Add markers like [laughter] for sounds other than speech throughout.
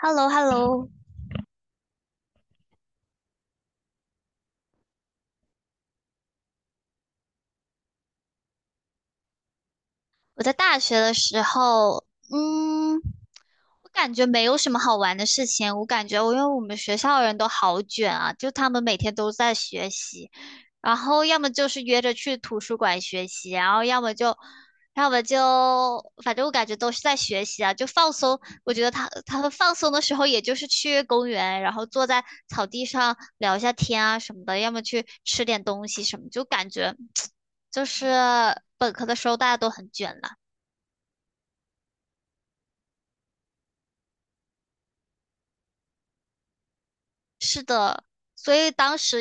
h e l l o h e l l o 我在大学的时候，嗯，我感觉没有什么好玩的事情。我感觉我因为我们学校人都好卷啊，就他们每天都在学习，然后要么就是约着去图书馆学习，然后要么就，要么就，反正我感觉都是在学习啊，就放松。我觉得他们放松的时候，也就是去公园，然后坐在草地上聊一下天啊什么的，要么去吃点东西什么，就感觉 [tsk] 就是本科的时候大家都很卷了。是的，所以当时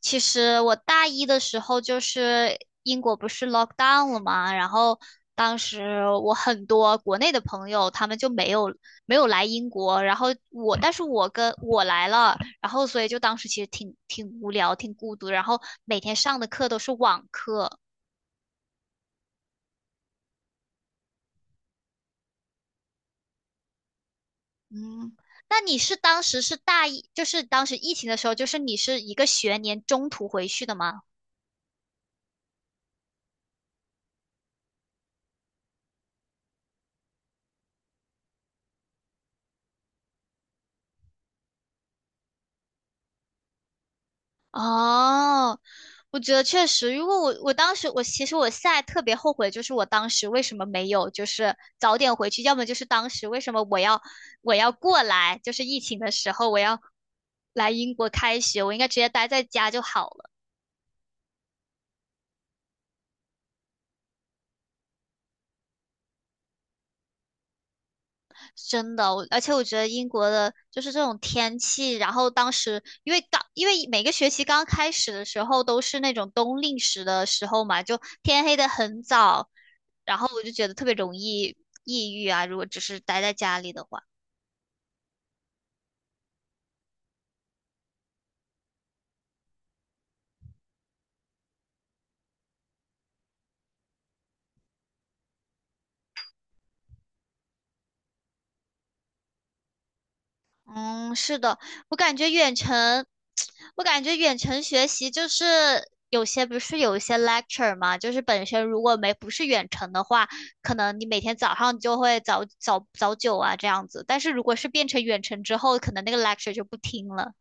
其实我大一的时候，就是英国不是 lockdown 了嘛，然后当时我很多国内的朋友他们就没有来英国，然后但是我来了，然后所以就当时其实挺无聊、挺孤独，然后每天上的课都是网课。嗯，那你是当时是大一，就是当时疫情的时候，就是你是一个学年中途回去的吗？哦，我觉得确实，如果我我当时我其实我现在特别后悔，就是我当时为什么没有就是早点回去，要么就是当时为什么我要过来，就是疫情的时候我要来英国开学，我应该直接待在家就好了。真的，而且我觉得英国的就是这种天气，然后当时因为因为每个学期刚开始的时候都是那种冬令时的时候嘛，就天黑的很早，然后我就觉得特别容易抑郁啊，如果只是待在家里的话。嗯，是的，我感觉远程，[tsk] 我感觉远程学习就是有些不是有一些 lecture 嘛，就是本身如果没不是远程的话，可能你每天早上就会早九啊这样子，但是如果是变成远程之后，可能那个 lecture 就不听了。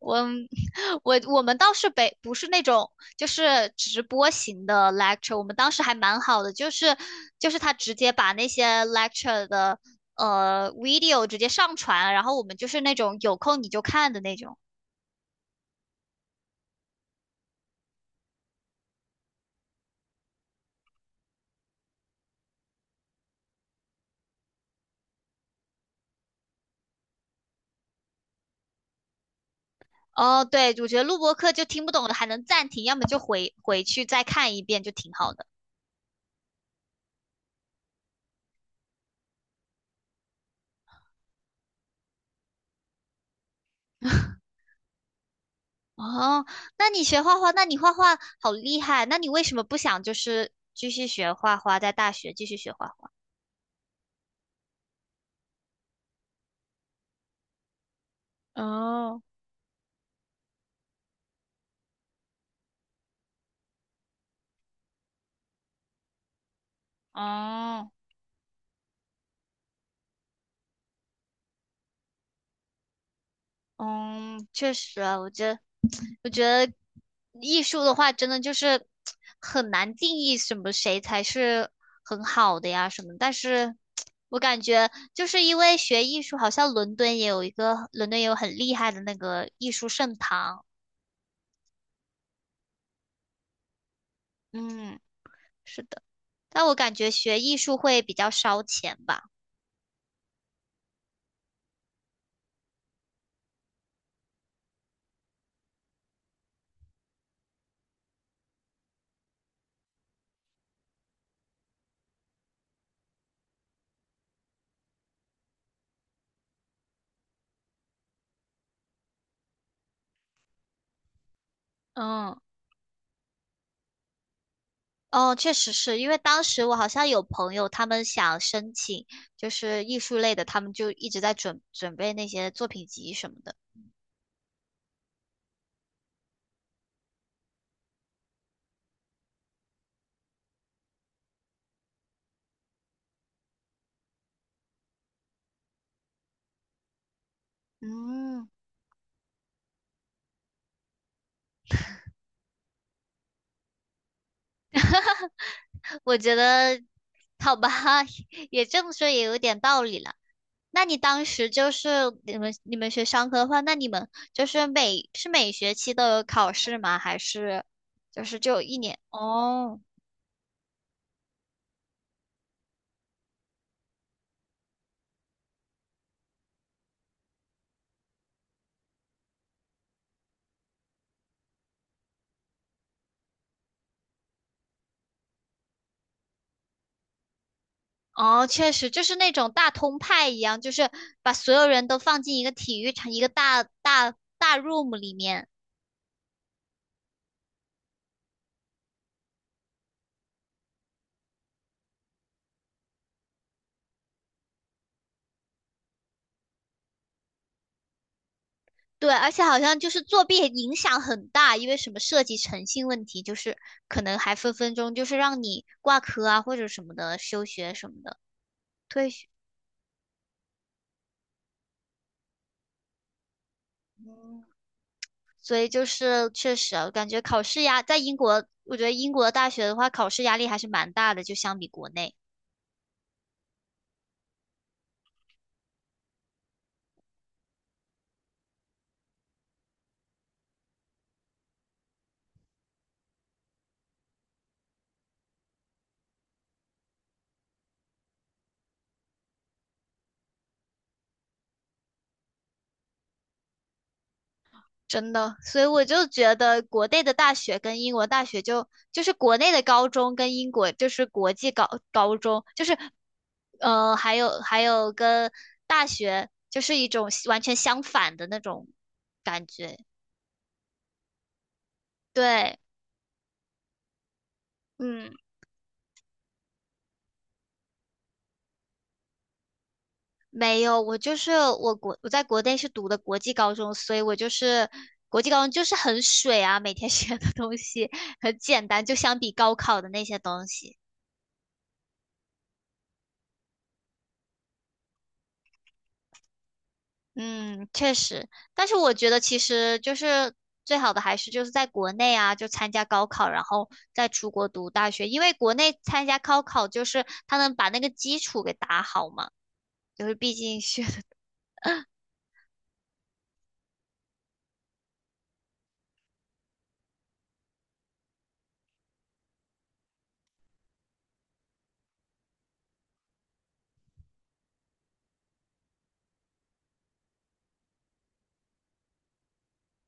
我我们倒是不是那种就是直播型的 lecture，我们当时还蛮好的，就是他直接把那些 lecture 的呃 video 直接上传，然后我们就是那种有空你就看的那种。哦，对，我觉得录播课就听不懂的还能暂停，要么就回去再看一遍，就挺好的。哦，那你学画画，那你画画好厉害，那你为什么不想就是继续学画画，在大学继续学画画？哦哦，嗯，确实啊，我觉得艺术的话，真的就是很难定义什么谁才是很好的呀什么。但是，我感觉就是因为学艺术，好像伦敦也有很厉害的那个艺术圣堂。嗯，是的，但我感觉学艺术会比较烧钱吧。嗯。哦，确实是因为当时我好像有朋友，他们想申请就是艺术类的，他们就一直在准备那些作品集什么的。嗯，[laughs] 我觉得好吧，[laughs] 也这么说也有点道理了。那你当时就是你们学商科的话，那你们就是每学期都有考试吗？还是就是就一年？哦。哦，确实就是那种大通派一样，就是把所有人都放进一个体育场，一个大 room 里面。对，而且好像就是作弊影响很大，因为什么涉及诚信问题，就是可能还分分钟就是让你挂科啊，或者什么的，休学什么的，退学。嗯，所以就是确实啊，我感觉考试压在英国，我觉得英国的大学的话，考试压力还是蛮大的，就相比国内。真的，所以我就觉得国内的大学跟英国大学就就是国内的高中跟英国就是国际高中，就是呃还有跟大学就是一种完全相反的那种感觉。对，嗯，没有，我就是我国我在国内是读的国际高中，所以我就是国际高中就是很水啊，每天学的东西很简单，就相比高考的那些东西。嗯，确实，但是我觉得其实就是最好的还是就是在国内啊，就参加高考，然后再出国读大学，因为国内参加高考就是他能把那个基础给打好嘛，就是毕竟是 [laughs]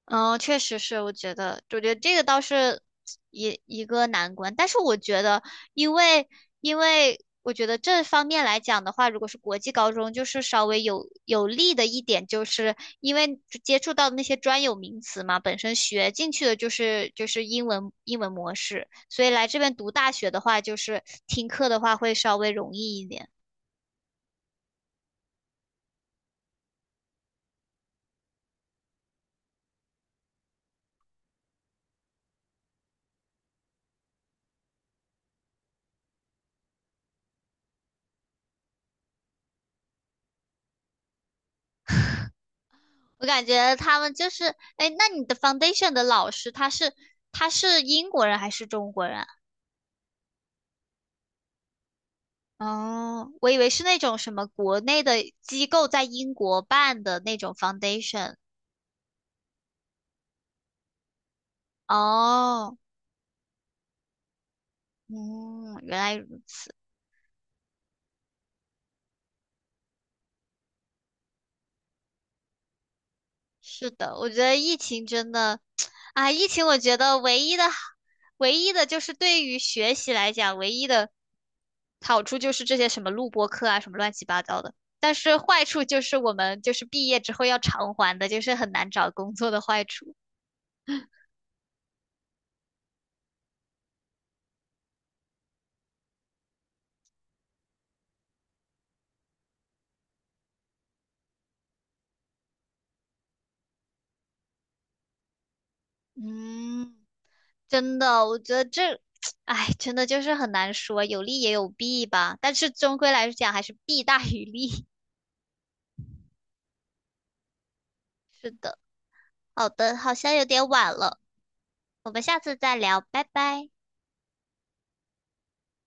嗯，确实是，我觉得这个倒是一个难关，但是我觉得，因为因为我觉得这方面来讲的话，如果是国际高中，就是稍微有利的一点，就是因为接触到的那些专有名词嘛，本身学进去的就是英文模式，所以来这边读大学的话，就是听课的话会稍微容易一点。我感觉他们就是，哎，那你的 foundation 的老师他是英国人还是中国人啊？哦，我以为是那种什么国内的机构在英国办的那种 foundation。哦，嗯，原来如此。是的，我觉得疫情真的，[tsk] 啊，疫情我觉得唯一的就是对于学习来讲，唯一的好处就是这些什么录播课啊，什么乱七八糟的。但是坏处就是我们就是毕业之后要偿还的，就是很难找工作的坏处。嗯。真的，我觉得这，[tsk] 哎，真的就是很难说，有利也有弊吧。但是终归来讲，还是弊大于利。[laughs] 好的，好像有点晚了，我们下次再聊，拜拜。